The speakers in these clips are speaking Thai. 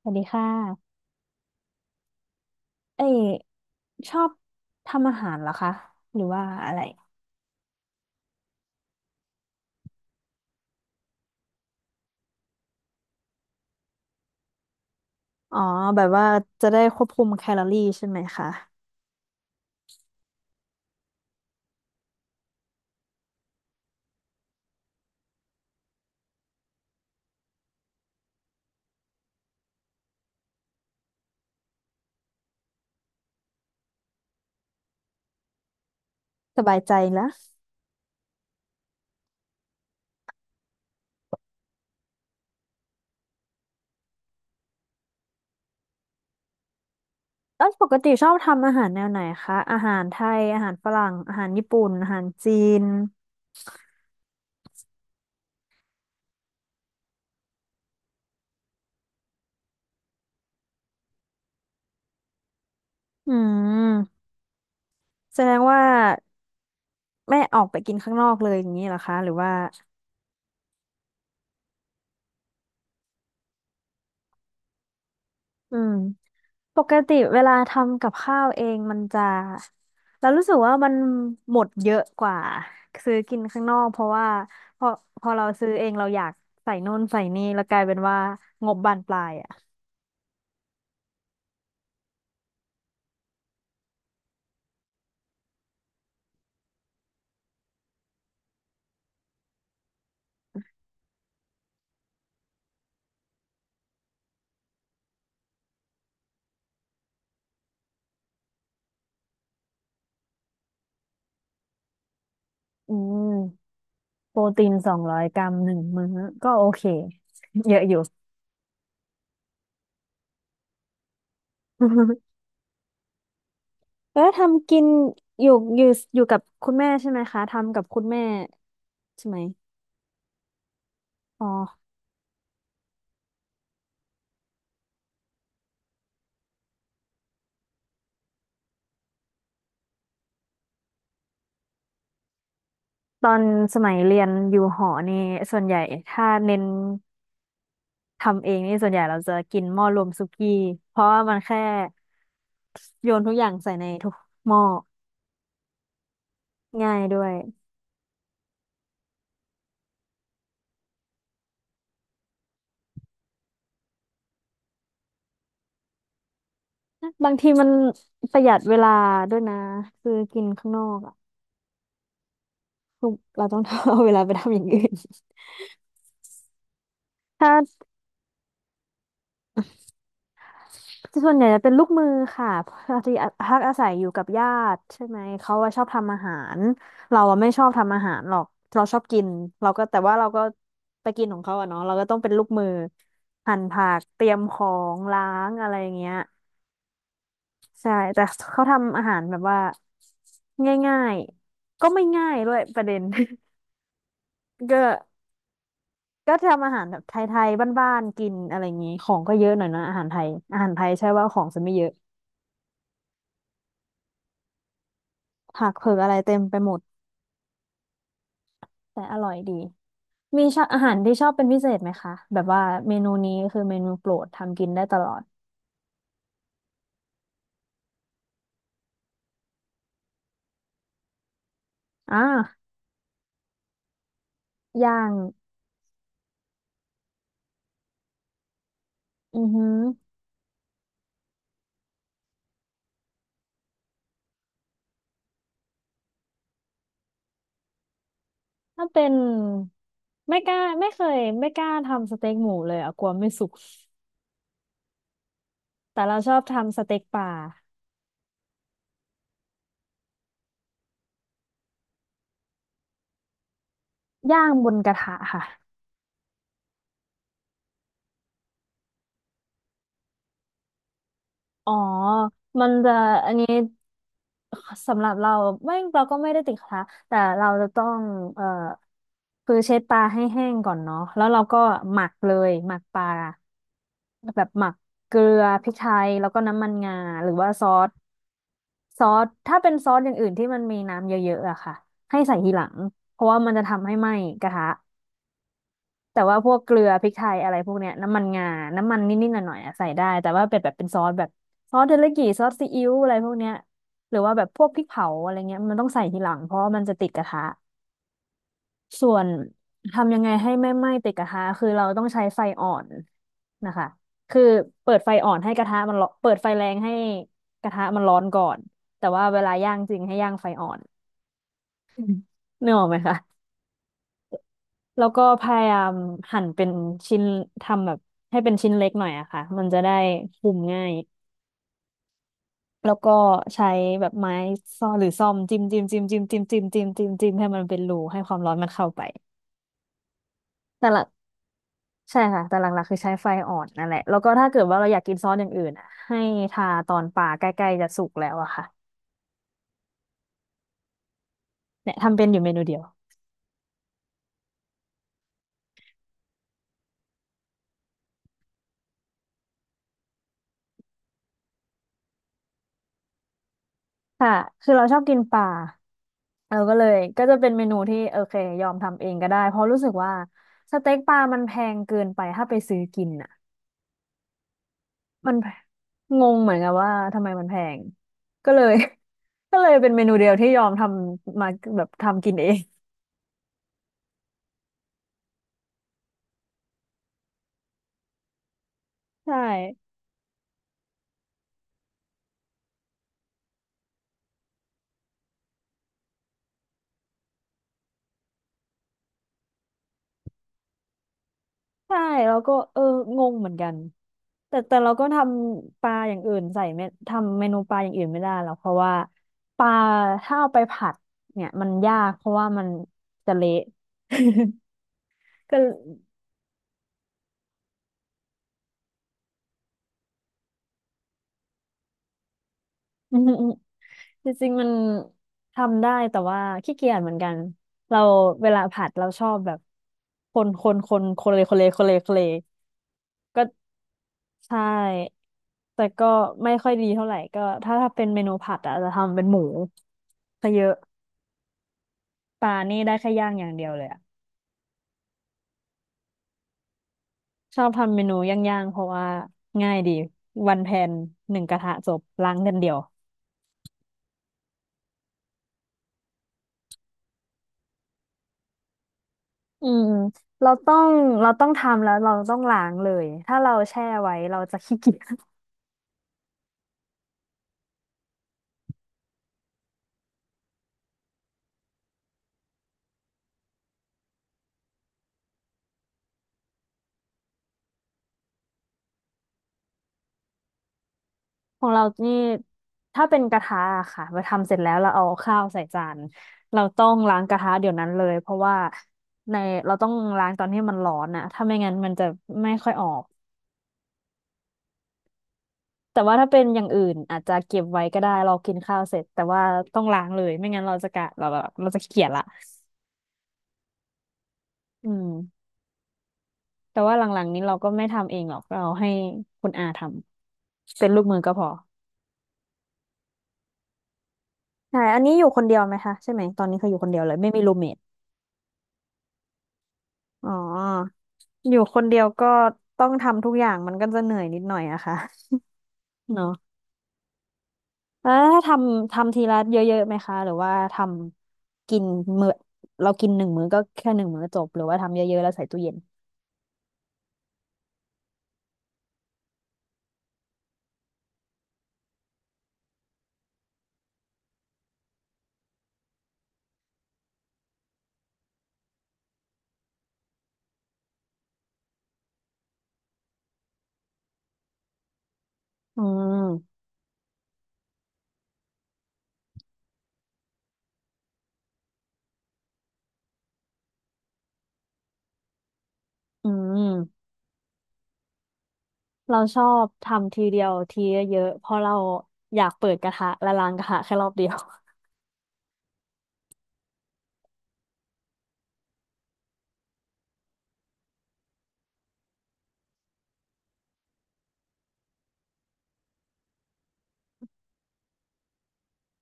สวัสดีค่ะเอ้ยชอบทำอาหารเหรอคะ หรือว่าอะไรอ๋อ แบบว่าจะได้ควบคุมแคลอรี่ใช่ไหมคะ สบายใจแล้วแล้วปกติชอบทำอาหารแนวไหนคะ อาหารไทย อาหารฝรั่งอาหารญี่ปุ่น อาหารจีนอืมแสดงว่าไม่ออกไปกินข้างนอกเลยอย่างนี้เหรอคะหรือว่าอืม ปกติเวลาทำกับข้าวเองมันจะเรารู้สึกว่ามันหมดเยอะกว่าซื้อกินข้างนอกเพราะว่าพอพอเราซื้อเองเราอยากใส่นู่นใส่นี่แล้วกลายเป็นว่างบบานปลายอ่ะอืมโปรตีน200 กรัมหนึ่งมื้อก็โอเค เยอะอยู่ แล้วทำกินอยู่อยู่อยู่กับคุณแม่ใช่ไหมคะทำกับคุณแม่ใช่ไหมอ๋อตอนสมัยเรียนอยู่หอนี่ส่วนใหญ่ถ้าเน้น ทำเองนี่ส่วนใหญ่เราจะกินหม้อรวมสุกี้เพราะว่ามันแค่โยนทุกอย่างใส่ในทุกหม้อง่ายด้วยบางทีมันประหยัดเวลาด้วยนะคือกินข้างนอกอ่ะคือเราต้อง เอาเวลาไปทำอย่างอื่นถ้า ส่วนใหญ่จะเป็นลูกมือค่ะพอดีพักอาศัยอยู่กับญาติใช่ไหมเขาว่าชอบทำอาหารเราอะไม่ชอบทำอาหารหรอกเราชอบกินเราก็แต่ว่าเราก็ไปกินของเขาอะเนาะเราก็ต้องเป็นลูกมือหั่นผักเตรียมของล้างอะไรอย่างเงี้ยใช่แต่เขาทำอาหารแบบว่าง่ายๆก็ไม่ง่ายด้วยประเด็น ก็ก็ทำอาหารแบบไทยๆบ้านๆกินอะไรอย่างงี้ของก็เยอะหน่อยนะอาหารไทยอาหารไทยใช่ว่าของจะไม่เยอะผักเผือกอะไรเต็มไปหมด แต่อร่อยดี มีชอบอาหารที่ชอบเป็นพิเศษไหมคะแบบว่าเมนูนี้คือเมนูโปรดทำกินได้ตลอดอ่าย่างอือหือถ้าเป็นไม่กล้าไม่เคยไม่กล้าทำสเต็กหมูเลยอะกลัวไม่สุกแต่เราชอบทำสเต็กปลาย่างบนกระทะค่ะอ๋อมันจะอันนี้ สำหรับเราไม่เราก็ไม่ได้ติดกระทะแต่เราจะต้องเอ่อคือเช็ดปลาให้แห้งก่อนเนาะแล้วเราก็หมักเลยหมักปลาแบบหมักเกลือพริกไทยแล้วก็น้ำมันงาหรือว่าซอสถ้าเป็นซอสอย่างอื่นที่มันมีน้ำเยอะๆอะค่ะให้ใส่ทีหลังเพราะว่ามันจะทำให้ไหม้กระทะ แต่ว่าพวกเกลือพริกไทยอะไรพวกเนี้ยน้ำมันงาน้ำมันนิดๆหน่อยๆอะใส่ได้แต่ว่าเป็นแบบเป็นซอสแบบซอสเทริยากิซอสซีอิ๊วอะไรพวกเนี้ยหรือว่าแบบพวกพริกเผาอะไรเงี้ยมันต้องใส่ทีหลังเพราะว่ามันจะติดกระทะส่วนทำยังไงให้ไม่ไหม้ติดกระทะคือเราต้องใช้ไฟอ่อนนะคะคือเปิดไฟอ่อนให้กระทะมันร้อนเปิดไฟแรงให้กระทะมันร้อนก่อนแต่ว่าเวลาย่างจริงให้ย่างไฟอ่อน นึกออกไหมคะ แล้วก็พยายามหั่นเป็นชิ้นทำแบบให้เป็นชิ้นเล็กหน่อยอะค่ะมันจะได้คุมง่ายแล้วก็ใช้แบบไม้ซ่อหรือซ่อมจิ้มจิ้มจิ้มจิ้มจิ้มจิ้มจิ้มจิ้มจิ้มให้มันเป็นรูให้ความร้อนมันเข้าไปแต่หละใช่ค่ะแต่หลักๆคือใช้ไฟอ่อนนั่นแหละแล้วก็ถ้าเกิดว่าเราอยากกินซอสอย่างอื่นอะให้ทาตอนปลาใกล้ๆจะสุกแล้วอะค่ะเนี่ยทำเป็นอยู่เมนูเดียวค่ะคือเราชอบกินปลา เออก็เลยก็จะเป็นเมนูที่โอเคยอมทำเองก็ได้เพราะรู้สึกว่าสเต็กปลามันแพงเกินไปถ้าไปซื้อกินอ่ะมันงงเหมือนกันว่าทำไมมันแพงก็เลย ก็เลยเป็นเมนูเดียวที่ยอมทำมาแบบทำกินเอง ใช่ใช่แล้วก็เอองงเหมือนกันแต่เราก็ทำปลาอย่างอื่นใส่ไม่ทำเมนูปลาอย่างอื่นไม่ได้หรอกเพราะว่าปลาถ้าเอาไปผัดเนี่ยมันยากเพราะว่ามันจะเละ ก็อืม จริงๆมันทำได้แต่ว่าขี้เกียจเหมือนกันเราเวลาผัดเราชอบแบบคนคนคนคนเลยคนเลยคนเลยคนเลยก็ใช่แต่ก็ไม่ค่อยดีเท่าไหร่ก็ถ้าเป็นเมนูผัดอะจะทำเป็นหมูซะเยอะปลานี่ได้แค่ย่างอย่างเดียวเลยอะชอบทำเมนูย่างๆเพราะว่าง่ายดีวันแพนหนึ่งกระทะจบล้างเดือนเดียวอืมเราต้องเราต้องทำแล้วเราต้องล้างเลยถ้าเราแช่ไว้เราจะขี้เกียจ ของเรานี่ถ้าเป็นกระทะอะค่ะเราทำเสร็จแล้วเราเอาข้าวใส่จานเราต้องล้างกระทะเดี๋ยวนั้นเลย เพราะว่าในเราต้องล้างตอนที่มันร้อนอะถ้าไม่งั้นมันจะไม่ค่อยออกแต่ว่าถ้าเป็นอย่างอื่นอาจจะเก็บไว้ก็ได้เรากินข้าวเสร็จแต่ว่าต้องล้างเลย ไม่งั้นเราจะกะเราจะขี้เกียจละอืมแต่ว่าหลังๆนี้เราก็ไม่ทำเองหรอกเราให้คุณอาทำเป็นลูกมือก็พอใช่อันนี้อยู่คนเดียวไหมคะใช่ไหมตอนนี้คืออยู่คนเดียวเลยไม่มีรูมเมท อ๋ออยู่คนเดียวก็ต้องทำทุกอย่างมันก็จะเหนื่อยนิดหน่อยอะค่ะ เนาะแล้วถ้าทำทีละเยอะๆไหมคะหรือว่าทำกินมื้อเรากินหนึ่งมื้อก็แค่หนึ่งมื้อจบหรือว่าทำเยอะๆแล้วใส่ตู้เย็นอืมอืมเราชอบทำทีเดียวทีเยอะๆเพราะเราอยากเปิดกระทะและล้างกระทะแค่รอบเดียว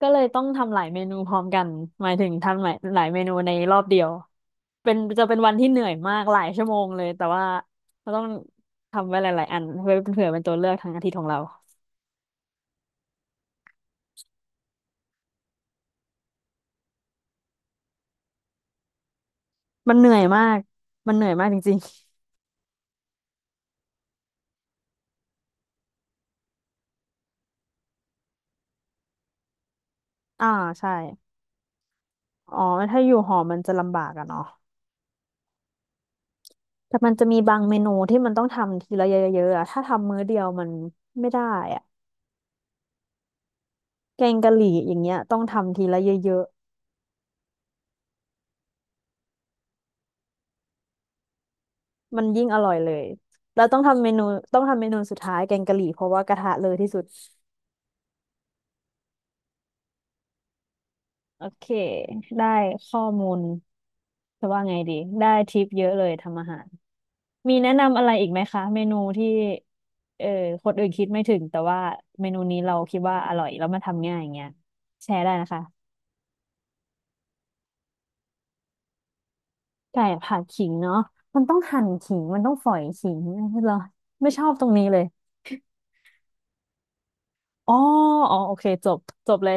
ก็เลยต้องทำหลายเมนูพร้อมกันหมายถึงทำหลายเมนูในรอบเดียวเป็นจะเป็นวันที่เหนื่อยมากหลายชั่วโมงเลยแต่ว่าเราต้องทำไว้หลายๆอันเพื่อเผื่อเป็นตัวเลือกทางอาทิตย์ของเรามันเหนื่อยมากมันเหนื่อยมากจริงๆ อ่าใช่อ๋อถ้าอยู่หอมันจะลำบากอะเนาะแต่มันจะมีบางเมนูที่มันต้องทำทีละเยอะๆอะถ้าทำมื้อเดียวมันไม่ได้อะแกงกะหรี่อย่างเงี้ยต้องทำทีละเยอะ มันยิ่งอร่อยเลยแล้วต้องทำเมนูสุดท้ายแกงกะหรี่เพราะว่ากระทะเลยที่สุดโอเคได้ข้อมูลจะว่าไงดีได้ทิปเยอะเลยทำอาหารมีแนะนำอะไรอีกไหมคะเมนูที่เออคนอื่นคิดไม่ถึงแต่ว่าเมนูนี้เราคิดว่าอร่อยแล้วมันทำง่ายอย่างเงี้ยแชร์ได้นะคะไก่ผัดขิงเนาะมันต้องหั่นขิงมันต้องฝอยขิงเหรอไม่ชอบตรงนี้เลยอ๋ออ๋อโอเคจบจบเลย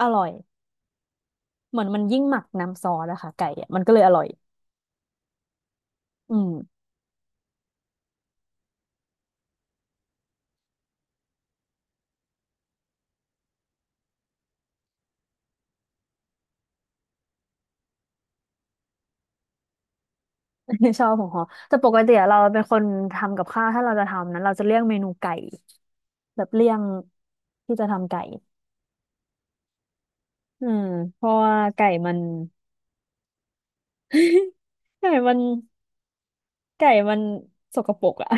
อร่อย เหมือนมันยิ่งหมักน้ำซอสอะค่ะไก่อะมันก็เลยอร่อยอืม ชอบของฮอแต่ปกติอะเราเป็นคนทำกับข้าวถ้าเราจะทำนั้นเราจะเลี่ยงเมนูไก่แบบเลี่ยงที่จะทำไก่อืมเพราะว่าไก่มัน ไก่มันไก่มันสกปรกอะ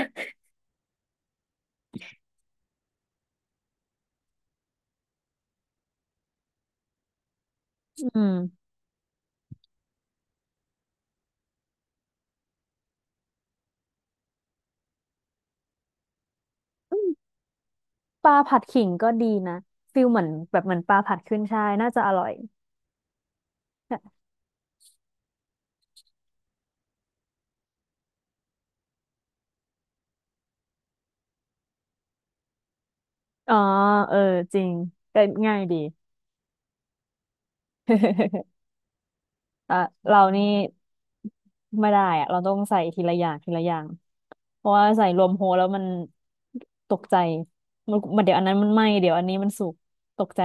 อืมอืมปลาผัดขิงก็ดีนะฟิลเหมือนแบบเหมือนปลาผัดขึ้นฉ่ายน่าจะอร่อยอ๋อเออจริงก็ง่ายดี อ่ะเรานี่ไม่ได้อะเราต้องใส่ทีละอย่างทีละอย่างเพราะว่าใส่รวมโฮแล้วมันตกใจมันเดี๋ยวอันนั้นมันไหม้เดี๋ยวอันนี้มันสุกตกใจ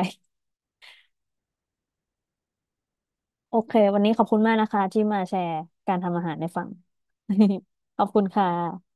โอเควันนี้ขอบคุณมากนะคะที่มาแชร์การทำอาหารในฝั่ง ขอบคุณค่ะ